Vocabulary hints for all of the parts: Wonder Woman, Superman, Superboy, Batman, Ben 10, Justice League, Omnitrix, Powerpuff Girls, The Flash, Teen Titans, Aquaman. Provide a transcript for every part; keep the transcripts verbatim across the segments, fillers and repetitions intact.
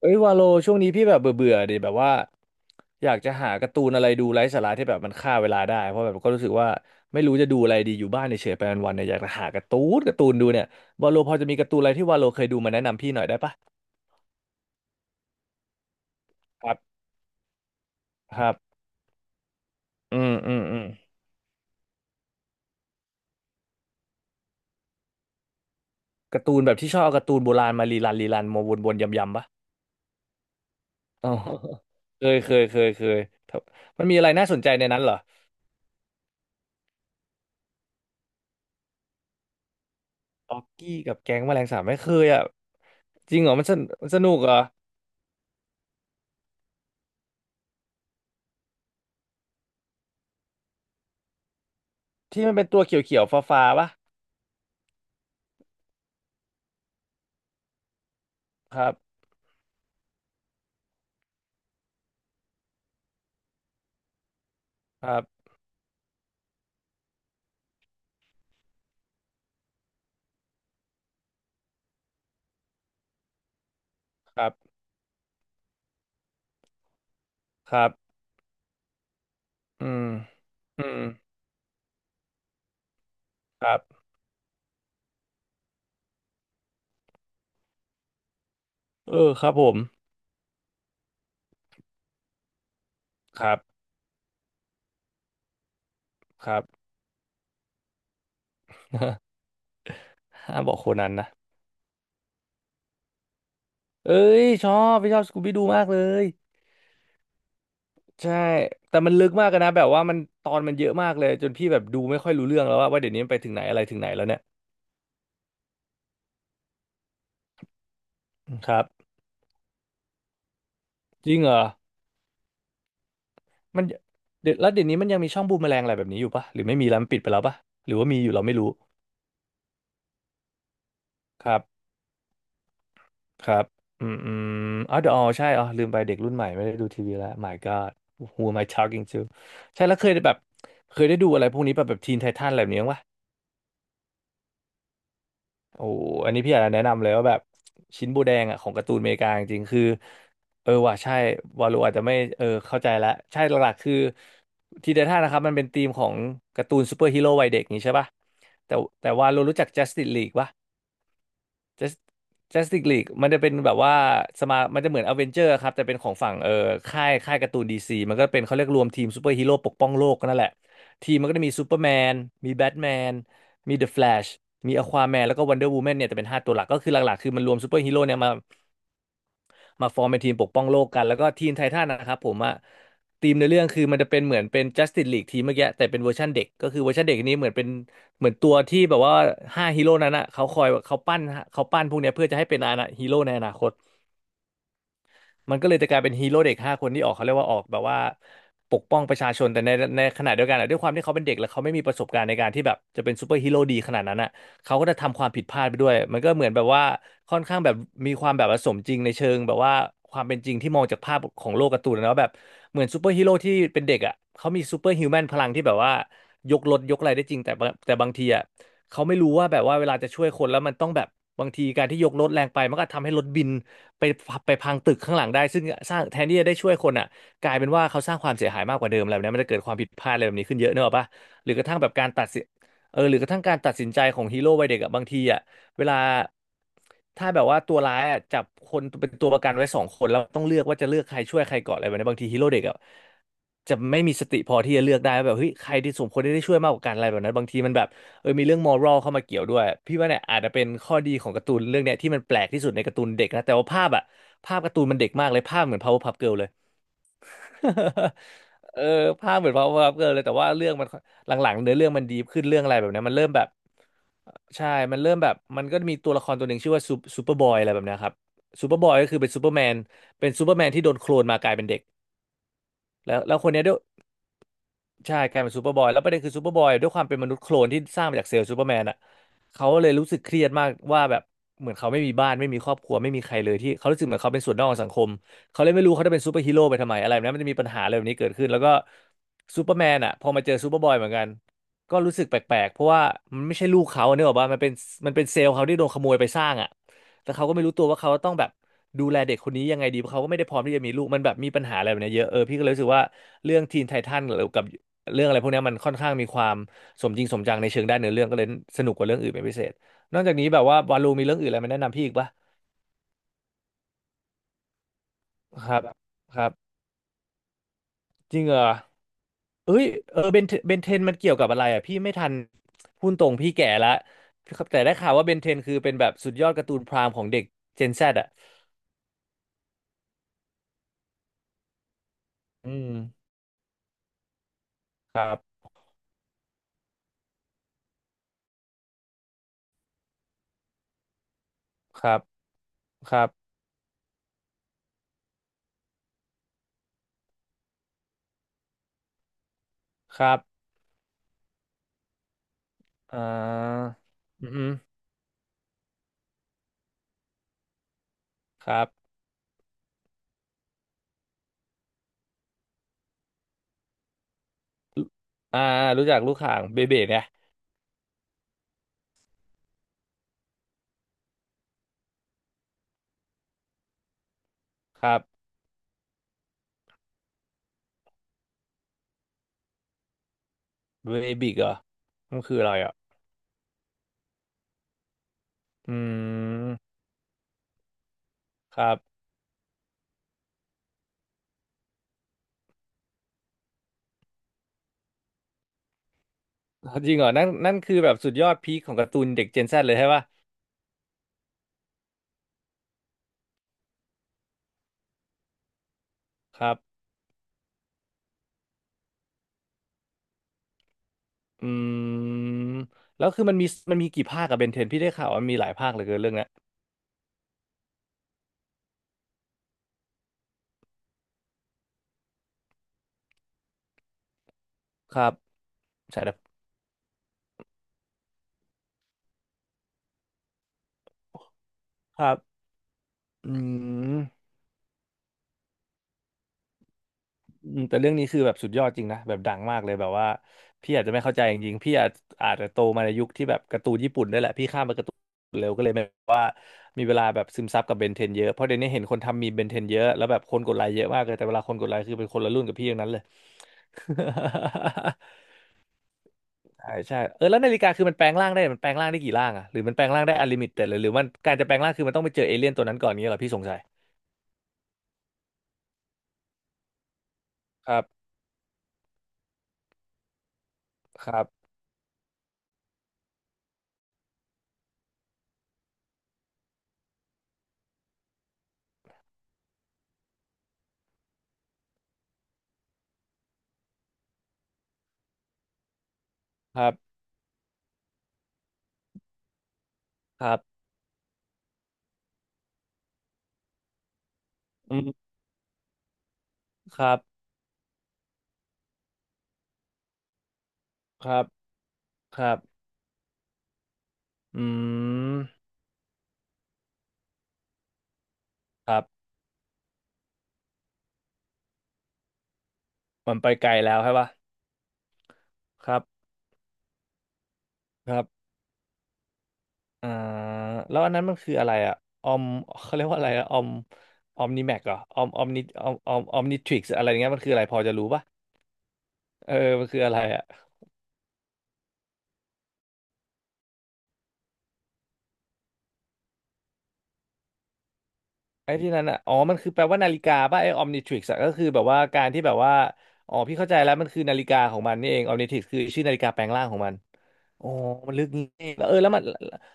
เอ้ยวาโลช่วงนี้พี่แบบเบื่อเบื่อดิแบบว่าอยากจะหาการ์ตูนอะไรดูไร้สาระที่แบบมันฆ่าเวลาได้เพราะแบบก็รู้สึกว่าไม่รู้จะดูอะไรดีอยู่บ้านเฉยๆไปวันๆเนี่ยอยากจะหาการ์ตูนการ์ตูนดูเนี่ยวาโลพอจะมีการ์ตูนอะไรที่วาโลเคยดูมาแนะนำพี่หน่อยได้ปะครับครับอืมอืมอืมการ์ตูนแบบที่ชอบเอาการ์ตูนโบราณมารีรันรีรันมาวนๆยำๆปะอ๋อเคยเคยเคยเคยถ้ามันมีอะไรน่าสนใจในนั้นเหรอออกกี้กับแก๊งแมลงสาบไม่เคยอ่ะจริงเหรอมันสนมันสนุกเหรอที่มันเป็นตัวเขียวๆฟ้าๆปะ ครับ ครับ ครับครับอืมอืมครับเออครับผมครับ ครับ ห้ามบอกโคนันนะเอ้ยชอบพี่ชอบสกูบี้ดูมากเลยใช่แต่มันลึกมากเลยนะแบบว่ามันตอนมันเยอะมากเลยจนพี่แบบดูไม่ค่อยรู้เรื่องแล้วว่าว่าเดี๋ยวนี้มันไปถึงไหนอะไรถึงไหนแล้วเนี่ยครับจริงเหรอมันเดี๋ยวแล้วเดี๋ยวนี้มันยังมีช่องบูมแมลงอะไรแบบนี้อยู่ปะหรือไม่มีแล้วมันปิดไปแล้วปะหรือว่ามีอยู่เราไม่รู้ครับ ครับอืมอืมอ๋อเดอะออใช่อ๋อลืมไปเด็กรุ่นใหม่ไม่ได้ดูทีวีแล้ว Oh My God who am I talking to ใช่แล้วเคยได้แบบเคยได้ดูอะไรพวกนี้แบบแบบทีนไททันอะไรแบบนี้บ้างวะโอ้อันนี้พี่อยากจะแนะนำเลยว่าแบบชิ้นโบแดงอ่ะของการ์ตูนอเมริกาจริงๆคือ เออว่ะใช่วาโลอาจจะไม่เออเข้าใจแล้วใช่หลักๆคือทีนไททันนะครับมันเป็นธีมของการ์ตูนซูเปอร์ฮีโร่วัยเด็กนี้ใช่ป่ะ แต่แต่วาโลรู้จัก Justice League ปะ Just- Justice League มันจะเป็นแบบว่าสมามันจะเหมือนอเวนเจอร์ครับแต่เป็นของฝั่งเอ่อค่ายค่ายการ์ตูนดีซีมันก็เป็นเขาเรียกรวมทีมซูเปอร์ฮีโร่ปกป้องโลกก็นั่นแหละทีมมันก็จะมีซูเปอร์แมนมีแบทแมนมีเดอะแฟลชมีอควาแมนแล้วก็วันเดอร์วูแมนเนี่ยแต่เป็นห้าตัวหลักก็คือหลักๆคือมันรวมซูเปอร์ฮีโร่เนี่ยมา มาฟอร์มเป็นทีมปกป้องโลกกันแล้วก็ทีมไททันนะครับผมอะทีมในเรื่องคือมันจะเป็นเหมือนเป็น Justice League ทีมเมื่อกี้แต่เป็นเวอร์ชันเด็กก็คือเวอร์ชันเด็กนี้เหมือนเป็นเหมือนตัวที่แบบว่าห้าฮีโร่นั้นอะเขาคอยเขาปั้นเขาปั้นพวกเนี้ยเพื่อจะให้เป็นอาณาฮีโร่ในอนาคต มันก็เลยจะกลายเป็นฮีโร่เด็กห้าคนที่ออกเขาเรียกว่าออกแบบว่าปกป้องประชาชนแต่ในในขณะเดียวกันอะด้วยความที่เขาเป็นเด็กแล้วเขาไม่มีประสบการณ์ในการที่แบบจะเป็นซูเปอร์ฮีโร่ดีขนาดนั้นอ่ะเขาก็จะทำความผิดพลาดไปด้วยมันก็เหมือนแบบว่าค่อนข้างแบบมีความแบบว่าสมจริงในเชิงแบบว่าความเป็นจริงที่มองจากภาพของโลกการ์ตูนนะว่าแบบเหมือนซูเปอร์ฮีโร่ที่เป็นเด็กอ่ะเขามีซูเปอร์ฮิวแมนพลังที่แบบว่ายกรถยกอะไรได้จริงแต่บางแต่บางทีอ่ะ เขาไม่รู้ว่าแบบว่าเวลาจะช่วยคนแล้วมันต้องแบบบางทีการที่ยกรถแรงไปมันก็ทำให้รถบินไปไปพังตึกข้างหลังได้ซึ่งสร้างแทนที่จะได้ช่วยคนอ่ะกลายเป็นว่าเขาสร้างความเสียหายมากกว่าเดิมอะไรแบบนี้มันจะเกิดความผิดพลาดอะไรแบบนี้ขึ้นเยอะเนกอะปะหรือกระทั่งแบบการตัดสินเออหรือกระทั่งการตัดสินใจของฮีโร่วัยเด็กอะบางทีอ่ะเวลาถ้าแบบว่าตัวร้ายอ่ะจับคนเป็นตัวประกันไว้สองคนแล้วต้องเลือกว่าจะเลือกใครช่วยใครก่อนอะไรแบบนี้บางทีฮีโร่เด็กอ่ะจะไม่มีสติพอที่จะเลือกได้ว่าแบบเฮ้ยใครที่สมควรได้ช่วยมากกว่ากันอะไรแบบนั้นบางทีมันแบบ เออมีเรื่องมอรัลเข้ามาเกี่ยวด้วยพี่ว่าเนี่ยอาจจะเป็นข้อดีของการ์ตูนเรื่องเนี้ยที่มันแปลกที่สุดในการ์ตูนเด็กนะแต่ว่าภาพอะภาพการ์ตูนมันเด็กมากเลยภาพเหมือน Powerpuff Girl เลย เออภาพเหมือน Powerpuff Girl เลยแต่ว่าเรื่องมันหลังๆเนื้อเรื่องมันดีขึ้นเรื่องอะไรแบบเนี้ยมันเริ่มแบบใช่มันเริ่มแบบมันก็มีตัวละครตัวหนึ่งชื่อว่าซูซูเปอร์บอยอะไรแบบเนี้ยครับซูเปอร์บอยก็คือเป็นซูเปอร์แมนเป็นซูเปอร์แมนที่โดนโคลนมากลายเป็นเด็กแล้วแล้วคนเนี้ยด้วย ใช่กลายเป็นซูเปอร์บอยแล้วประเด็นคือซูเปอร์บอยด้วยความเป็นมนุษย์โคลนที่สร้างมาจากเซลล์ซูเปอร์แมนอ่ะเขาเลยรู้สึกเครียดมากว่าแบบเหมือนเขาไม่มีบ้านไม่มีครอบครัวไม่มีใครเลยที่เขารู้สึกเหมือนเขาเป็นส่วนนอกของสังคมเขาเลยไม่รู้เขาจะเป็นซูเปอร์ฮีโร่ไปทำไมอะไรแบบนั้นมันจะมีปัญหาอะไรแบบนี้เกิดขึ้นแล้วก็ซูเปอร์แมนอ่ะพอมาเจอซูเปอร์บอยเหมือนกันก็รู้สึกแปลกๆเพราะว่ามันไม่ใช่ลูกเขาเนี่ยหรอกว่ามันเป็นมันเป็นเซลล์เขาที่โดนขโมยไปสร้างอ่ะแต่เขาก็ไม่รู้ตัวว่าเขาต้องแบบดูแลเด็กคนนี้ยังไงดีเพราะเขาก็ไม่ได้พร้อมที่จะมีลูกมันแบบมีปัญหาอะไรแบบเนี้ยเยอะเออพี่ก็เลยรู้สึกว่าเรื่องทีนไททันหรือกับ เรื่องอะไรพวกเนี้ยมันค่อนข้างมีความสมจริงสมจังในเชิงด้านเนื้อเรื่องก็เลยสนุกกว่าเรื่องอื่นเป็นพิเศษนอกจากนี้แบบว่าวาลูมีเรื่องอื่นอะไรมาแนะนำพี่อีกปะครับครับจริงเหรอเอ้ยเออเบนเบนเทนมันเกี่ยวกับอะไรอ่ะพี่ไม่ทันพูดตรงพี่แก่ละครับแต่ได้ข่าวว่าเบนเทนคือเป็นแบบสุดยอดการ์ตูนพรามของเด็กเจนแซดอ่ะอืมครับครับครับครับอ่าอืมครับอ่ารู้จักลูกข่างเบเบะเนี่ยครับ เบบิกเหรอมันคืออะไรอ่ะ อืมครับ จริงเหรอนั่นนั่นคือแบบสุดยอดพีคของการ์ตูนเด็กเจนแซดเลยใช่ป่ะครับ อืมแล้วคือมันมีมันมีกี่ภาคกับเบนเทนพี่ได้ข่าวว่ามีหลายภาคเหลือเกินเรื่องเนี้ยครับ ใช่แล้วครับ อืม อืมแต่เรื่องนี้คือแบบสุดยอดจริงนะแบบดังมากเลยแบบว่าพี่อาจจะไม่เข้าใจจริงๆพี่อาจอาจจะโตมาในยุคที่แบบการ์ตูนญี่ปุ่นด้วยแหละพี่ข้ามไปการ์ตูนเร็วก็เลยไม่ว่ามีเวลาแบบซึมซับกับเบนเทนเยอะเพราะเดี๋ยวนี้เห็นคนทำมีมเบนเทนเยอะแล้วแบบคนกดไลค์เยอะมากเลยแต่เวลาคนกดไลค์คือเป็นคนละรุ่นกับพี่อย่างนั้นเลย ใช่ใช่เออแล้วนาฬิกาคือมันแปลงร่างได้มันแปลงร่างได้กี่ร่างอะหรือมันแปลงร่างได้อลิมิตต่หรือหรือมันการจะแปลงร่างคือมันต้องไปเจอเอเลี่ยนตัวนั้นก่อนนี้ยเหรอพี่สงสัยครับครับครับครับอืมครับ ครับครับอืมครับมันไปไกลแล้วใช่ปะครับครับอ่าแล้วอันนั้นมันคืออะไรอะออมเขาเรียกว่าอะไรอะออมออมนิแม็กเหรอออมออมนิออมออมออมนิทริกซ์อะไรเงี้ยมันคืออะไรพอจะรู้ปะเออมันคืออะไรอะไอ้ที่นั้นอะอ๋อมันคือแปลว่านาฬิกาปะไอ้ออมนิทริกซ์ก็คือแบบว่าการที่แบบว่าอ๋อพี่เข้าใจแล้วมันคือนาฬิกาของมันนี่เองออมนิทริกซ์คือชื่อนาฬิกาแปลงร่างของมัน โอ้มันลึกนี่แล้วเออแล้วมัน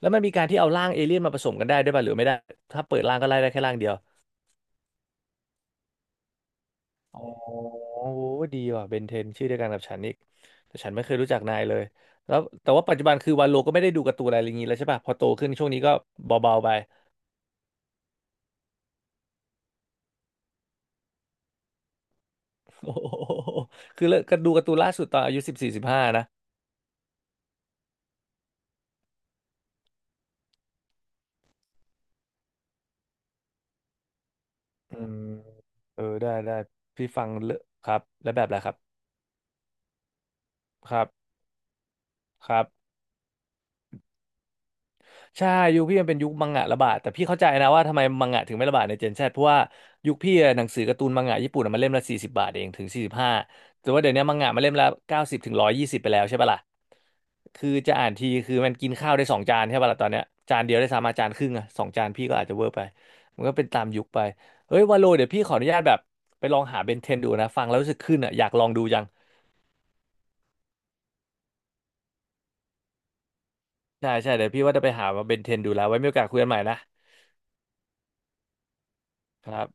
แล้วมันมีการที่เอาร่างเอเลี่ยนมาผสมกันได้ด้วยป่ะหรือไม่ได้ถ้าเปิดร่างก็ไล่ได้แค่ร่างเดียวอ๋อโอ้ดีว่ะเบนเทนชื่อเดียวกันกับฉันอีกแต่ฉันไม่เคยรู้จักนายเลยแล้วแต่ว่าปัจจุบันคือวันโลก็ไม่ได้ดูการ์ตูนอะไรอย่างนี้แล้วใช่ป่ะ พอโตขึ้นช่วงนี้ก็เบาๆไป โอ้โหคือเลิกก็ดูการ์ตูนล่าสุดตอนอายุสิบสี่สิบห้านะอืมเออได้ได้พี่ฟังเลอะครับแล้วแบบอะไรครับครับครับ ใช่ยุคพี่มันเป็นยุคมังงะระบาดแต่พี่เข้าใจนะว่าทำไมมังงะถึงไม่ระบาดในเจนแซดเพราะว่ายุคพี่อะหนังสือการ์ตูนมังงะญี่ปุ่นอะมันเล่มละสี่สิบบาทเองถึงสี่สิบห้าแต่ว่าเดี๋ยวนี้มังงะมันเล่มละเก้าสิบถึงร้อยยี่สิบไปแล้วใช่ปะล่ะคือจะอ่านทีคือมันกินข้าวได้สองจานใช่ปะล่ะตอนเนี้ยจานเดียวได้สามอาจานครึ่งอะสองจานพี่ก็อาจจะเวอร์ไปมันก็เป็นตามยุคไปเฮ้ยวาโลเดี๋ยวพี่ขออนุญาตแบบไปลองหาเบนเทนดูนะฟังแล้วรู้สึกขึ้นอะอยากลองดูจังใช่ใช่เดี๋ยวพี่ว่าจะไปหามาเบนเทนดูแล้วไว้มีโอกาสคุยกันใหม่นะครับ